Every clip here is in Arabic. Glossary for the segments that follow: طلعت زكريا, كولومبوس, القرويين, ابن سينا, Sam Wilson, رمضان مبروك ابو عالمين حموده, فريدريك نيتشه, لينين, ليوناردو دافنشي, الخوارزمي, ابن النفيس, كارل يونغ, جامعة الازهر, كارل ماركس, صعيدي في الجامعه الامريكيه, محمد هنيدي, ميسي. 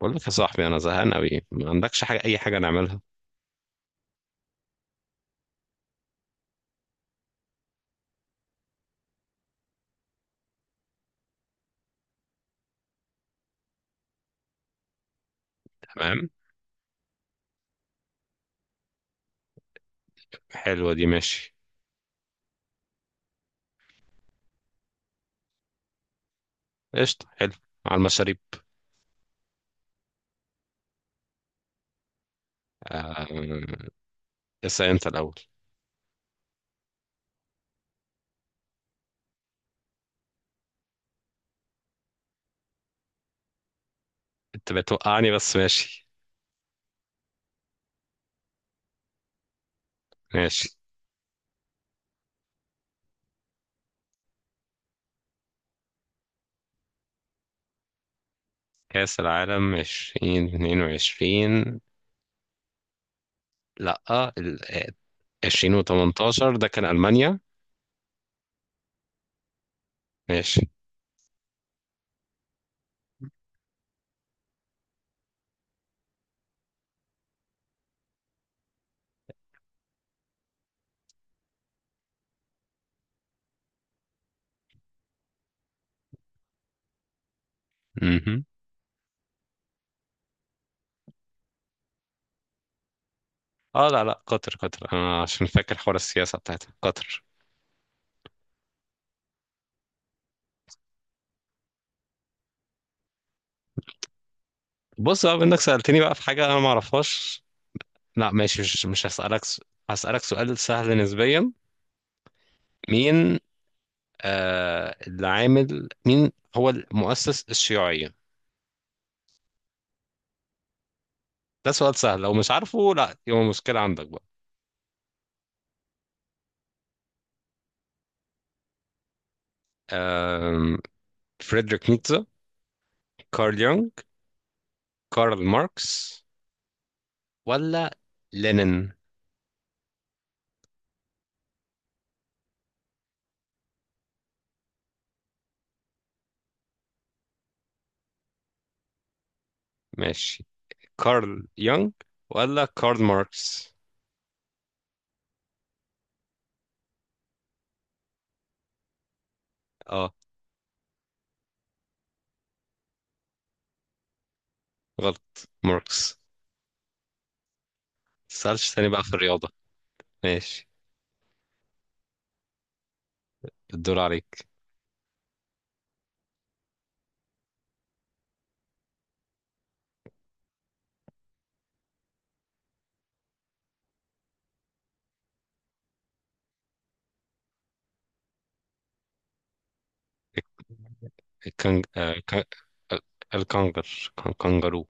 بقول لك يا صاحبي، انا زهقان قوي، ما عندكش حاجه، اي حاجه نعملها؟ تمام. حلوه دي، ماشي. قشطه، حلو. على المشاريب. آه... اسال انت الاول. انت بتوقعني بس ماشي. ماشي. كاس العالم 2022. لا، 2018 ده كان المانيا. ماشي. مهم. اه، لا لا، قطر، قطر، انا عشان فاكر حوار السياسه بتاعتها قطر. بص بقى، انك سالتني بقى في حاجه انا ما اعرفهاش. لا، ماشي، مش هسالك هسالك سؤال سهل نسبيا. مين اللي عامل مين هو المؤسس الشيوعية؟ ده سؤال سهل، لو مش عارفه لا يبقى مشكلة عندك بقى. آم، فريدريك نيتشه، كارل يونغ، كارل ماركس، ولا لينين؟ ماشي، كارل يونغ ولا كارل ماركس. اه. غلط، ماركس. متسألش تاني بقى في الرياضة. ماشي. الدور عليك. الكنج... آه، كن- الكنجر كنجرو.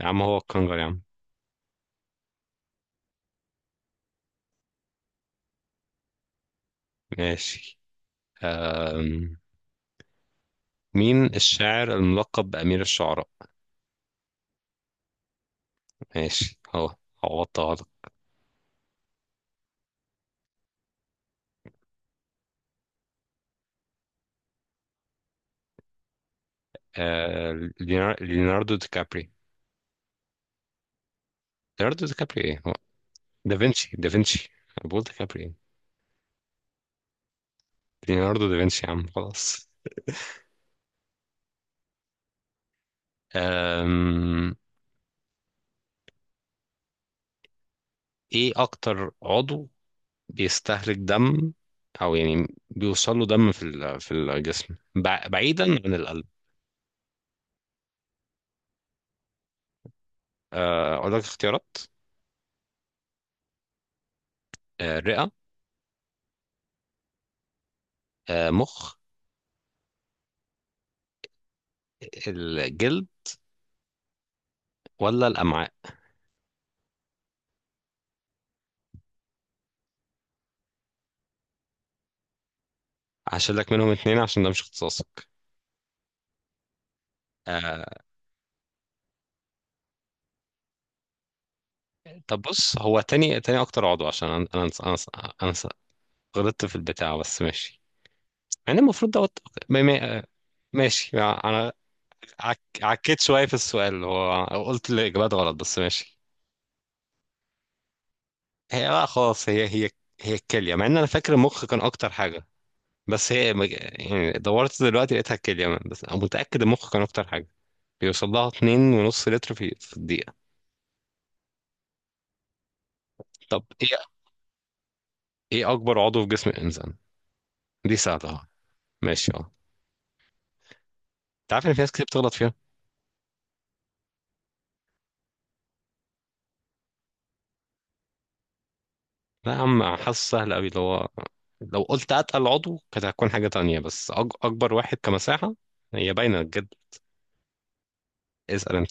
يا عم هو الكنجر يا عم. ماشي. آم، مين الشاعر الملقب بأمير الشعراء؟ ماشي، هو. عوضتها لك. آه، ليوناردو دي كابري. ليوناردو دي كابري ايه هو، دافنشي، دافنشي. أنا بقول دي كابري ايه. ليوناردو دافنشي يا عم، خلاص. آم، ايه اكتر عضو بيستهلك دم، او يعني بيوصل له دم في في الجسم، بعيدا عن القلب؟ اقول لك اختيارات. الرئة، مخ، الجلد، ولا الامعاء. هشيل لك منهم اتنين عشان ده مش اختصاصك. آه. طب بص، هو تاني تاني اكتر عضو، عشان أنا غلطت في البتاع، بس ماشي. يعني المفروض دوت. ما- ما- ماشي انا. عكيت شويه في السؤال، اللي هو قلت الاجابات غلط، بس ماشي. هي لا، خلاص، هي الكليه، مع ان انا فاكر المخ كان اكتر حاجه. بس هي يعني دورت دلوقتي لقيتها الكليه، بس انا متاكد المخ كان اكتر حاجه بيوصل لها اتنين ونص لتر في الدقيقه. طب ايه. ايه اكبر عضو في جسم الانسان؟ دي سهله. ماشي، اه. انت عارف ان في ناس كتير بتغلط فيها. لا يا عم، حاسس سهل قوي اللي هو، لو قلت اتقل عضو كانت هتكون حاجة تانية، بس اكبر واحد كمساحة، هي باينة بجد. اسأل انت.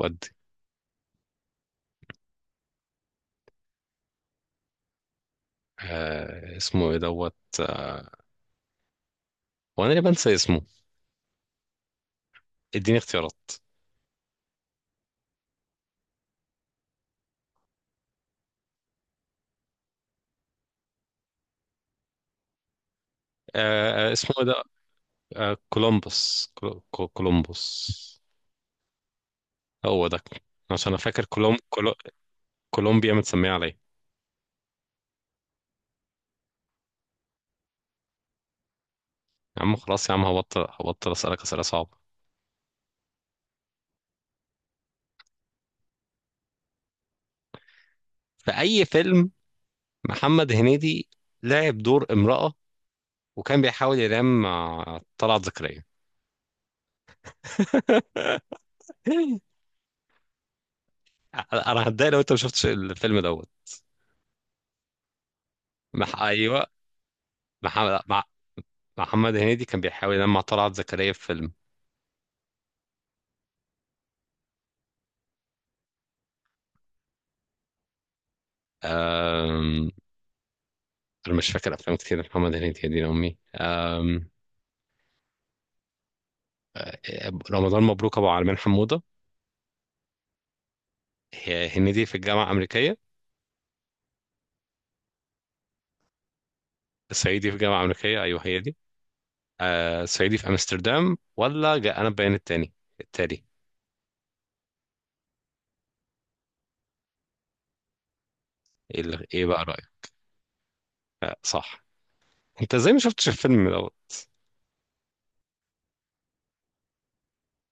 ودي. آه، اسمه ايه دوت، آه، وانا اللي بنسى اسمه. اديني اختيارات. اسمه ايه ده؟ آه، كولومبوس، كولومبوس، هو ده. عشان انا فاكر كولومبيا متسميه عليه. يا عم خلاص يا عم، هبطل اسالك اسئله صعبه. في اي فيلم محمد هنيدي لعب دور امرأة وكان بيحاول ينام مع طلعت زكريا؟ انا هتضايق لو انت ما شفتش الفيلم دوت. ايوه. محمد مع... محمد هنيدي كان بيحاول ينام مع طلعت زكريا في فيلم. أم... انا مش فاكر افلام كتير محمد هنيدي، يا دين امي. أم... رمضان مبروك، ابو عالمين حموده، هي هنيدي في الجامعه الامريكيه، صعيدي في الجامعه الامريكيه. ايوه هي دي. صعيدي في امستردام، ولا جاء انا بيان التاني، التالي. ايه بقى رايك؟ أه صح. انت ازاي ما شفتش الفيلم دوت؟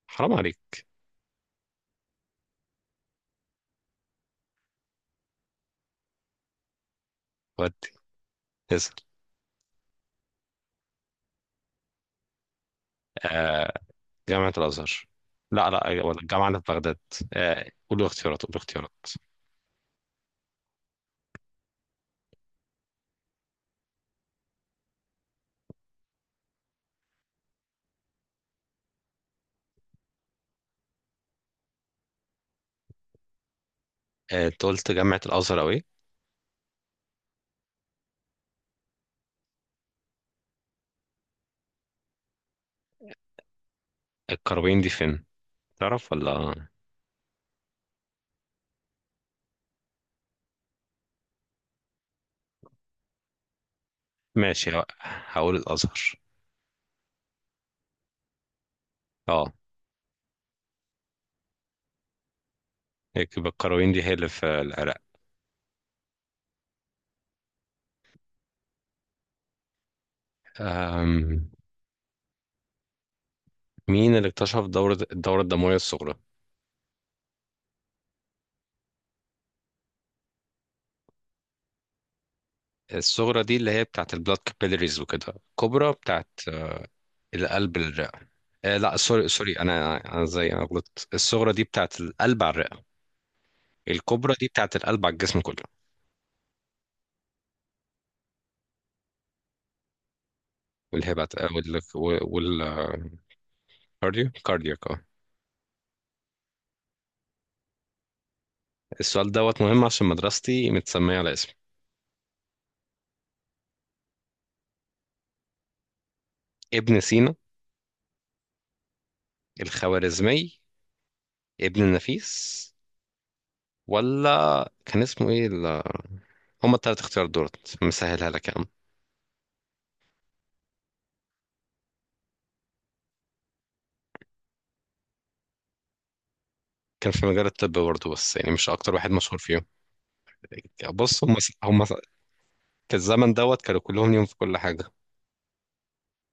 حرام عليك. ودي. اسال. آه جامعة الازهر، لا لا، أيوة، ولا الجامعة اللي في بغداد. آه، قول له اختيارات، قول له اختيارات. آه، انت قلت جامعة الازهر او ايه؟ القرويين دي فين، تعرف ولا. ماشي، هقول الازهر. اه. يكب القرويين دي هي اللي في العراق. أم، مين اللي اكتشف الدورة الدموية الصغرى؟ الصغرى دي اللي هي بتاعت البلاد، كابيلاريز وكده، الكبرى بتاعت القلب الرئة. لا، سوري سوري، انا زي انا غلطت، الصغرى دي بتاعت القلب على الرئة، الكبرى دي بتاعت القلب على الجسم كله. والهبات، وال كاردياك، اه. السؤال دوت مهم عشان مدرستي متسمية على اسمي. ابن سينا، الخوارزمي، ابن النفيس، ولا كان اسمه ايه هما التلات اختيارات دولت مسهلها لك يا عم. كان في مجال الطب برضه، بس يعني مش اكتر واحد مشهور فيهم. بص هم. هم في الزمن دوت كانوا كلهم ليهم في كل حاجه.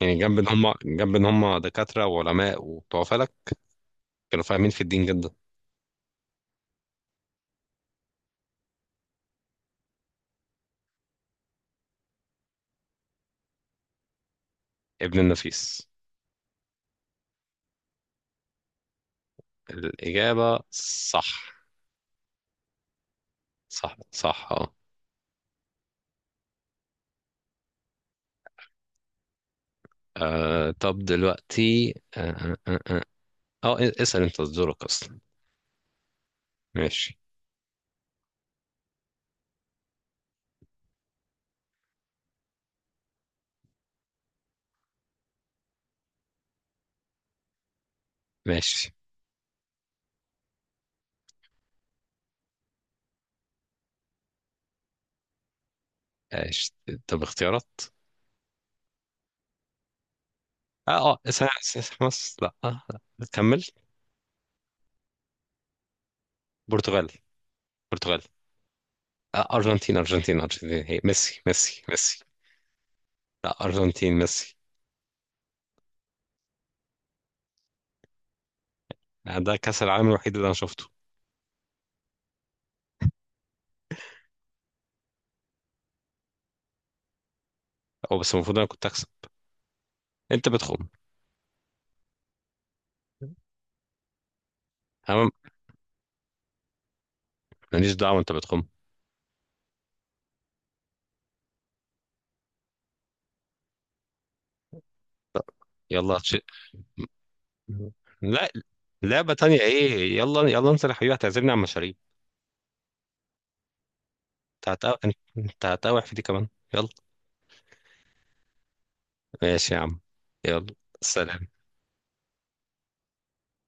يعني جنب ان هم دكاتره وعلماء وبتوع فلك، كانوا فاهمين في الدين جدا. ابن النفيس. الاجابه صح. صح، صح، اه. طب دلوقتي اسال انت دورك اصلا. ماشي. ماشي. ماشي. طب اختيارات. اه، اه، اسمها، اسمها مصر، لا، لا، كمل. برتغال. برتغال. آه، ارجنتين ارجنتين ارجنتين، هي ميسي ميسي ميسي. لا، ارجنتين، ميسي. ده كاس العالم الوحيد اللي انا شفته. هو بس المفروض انا كنت اكسب. انت بتخم. تمام، ماليش دعوه، انت بتخم. لا. يلا لا. لعبه تانية ايه؟ يلا يلا، انت يا حبيبي هتعزمني على المشاريب. انت هتقاوح، انت هتقاوح في دي كمان. يلا. ماشي يا عم. يلا. سلام.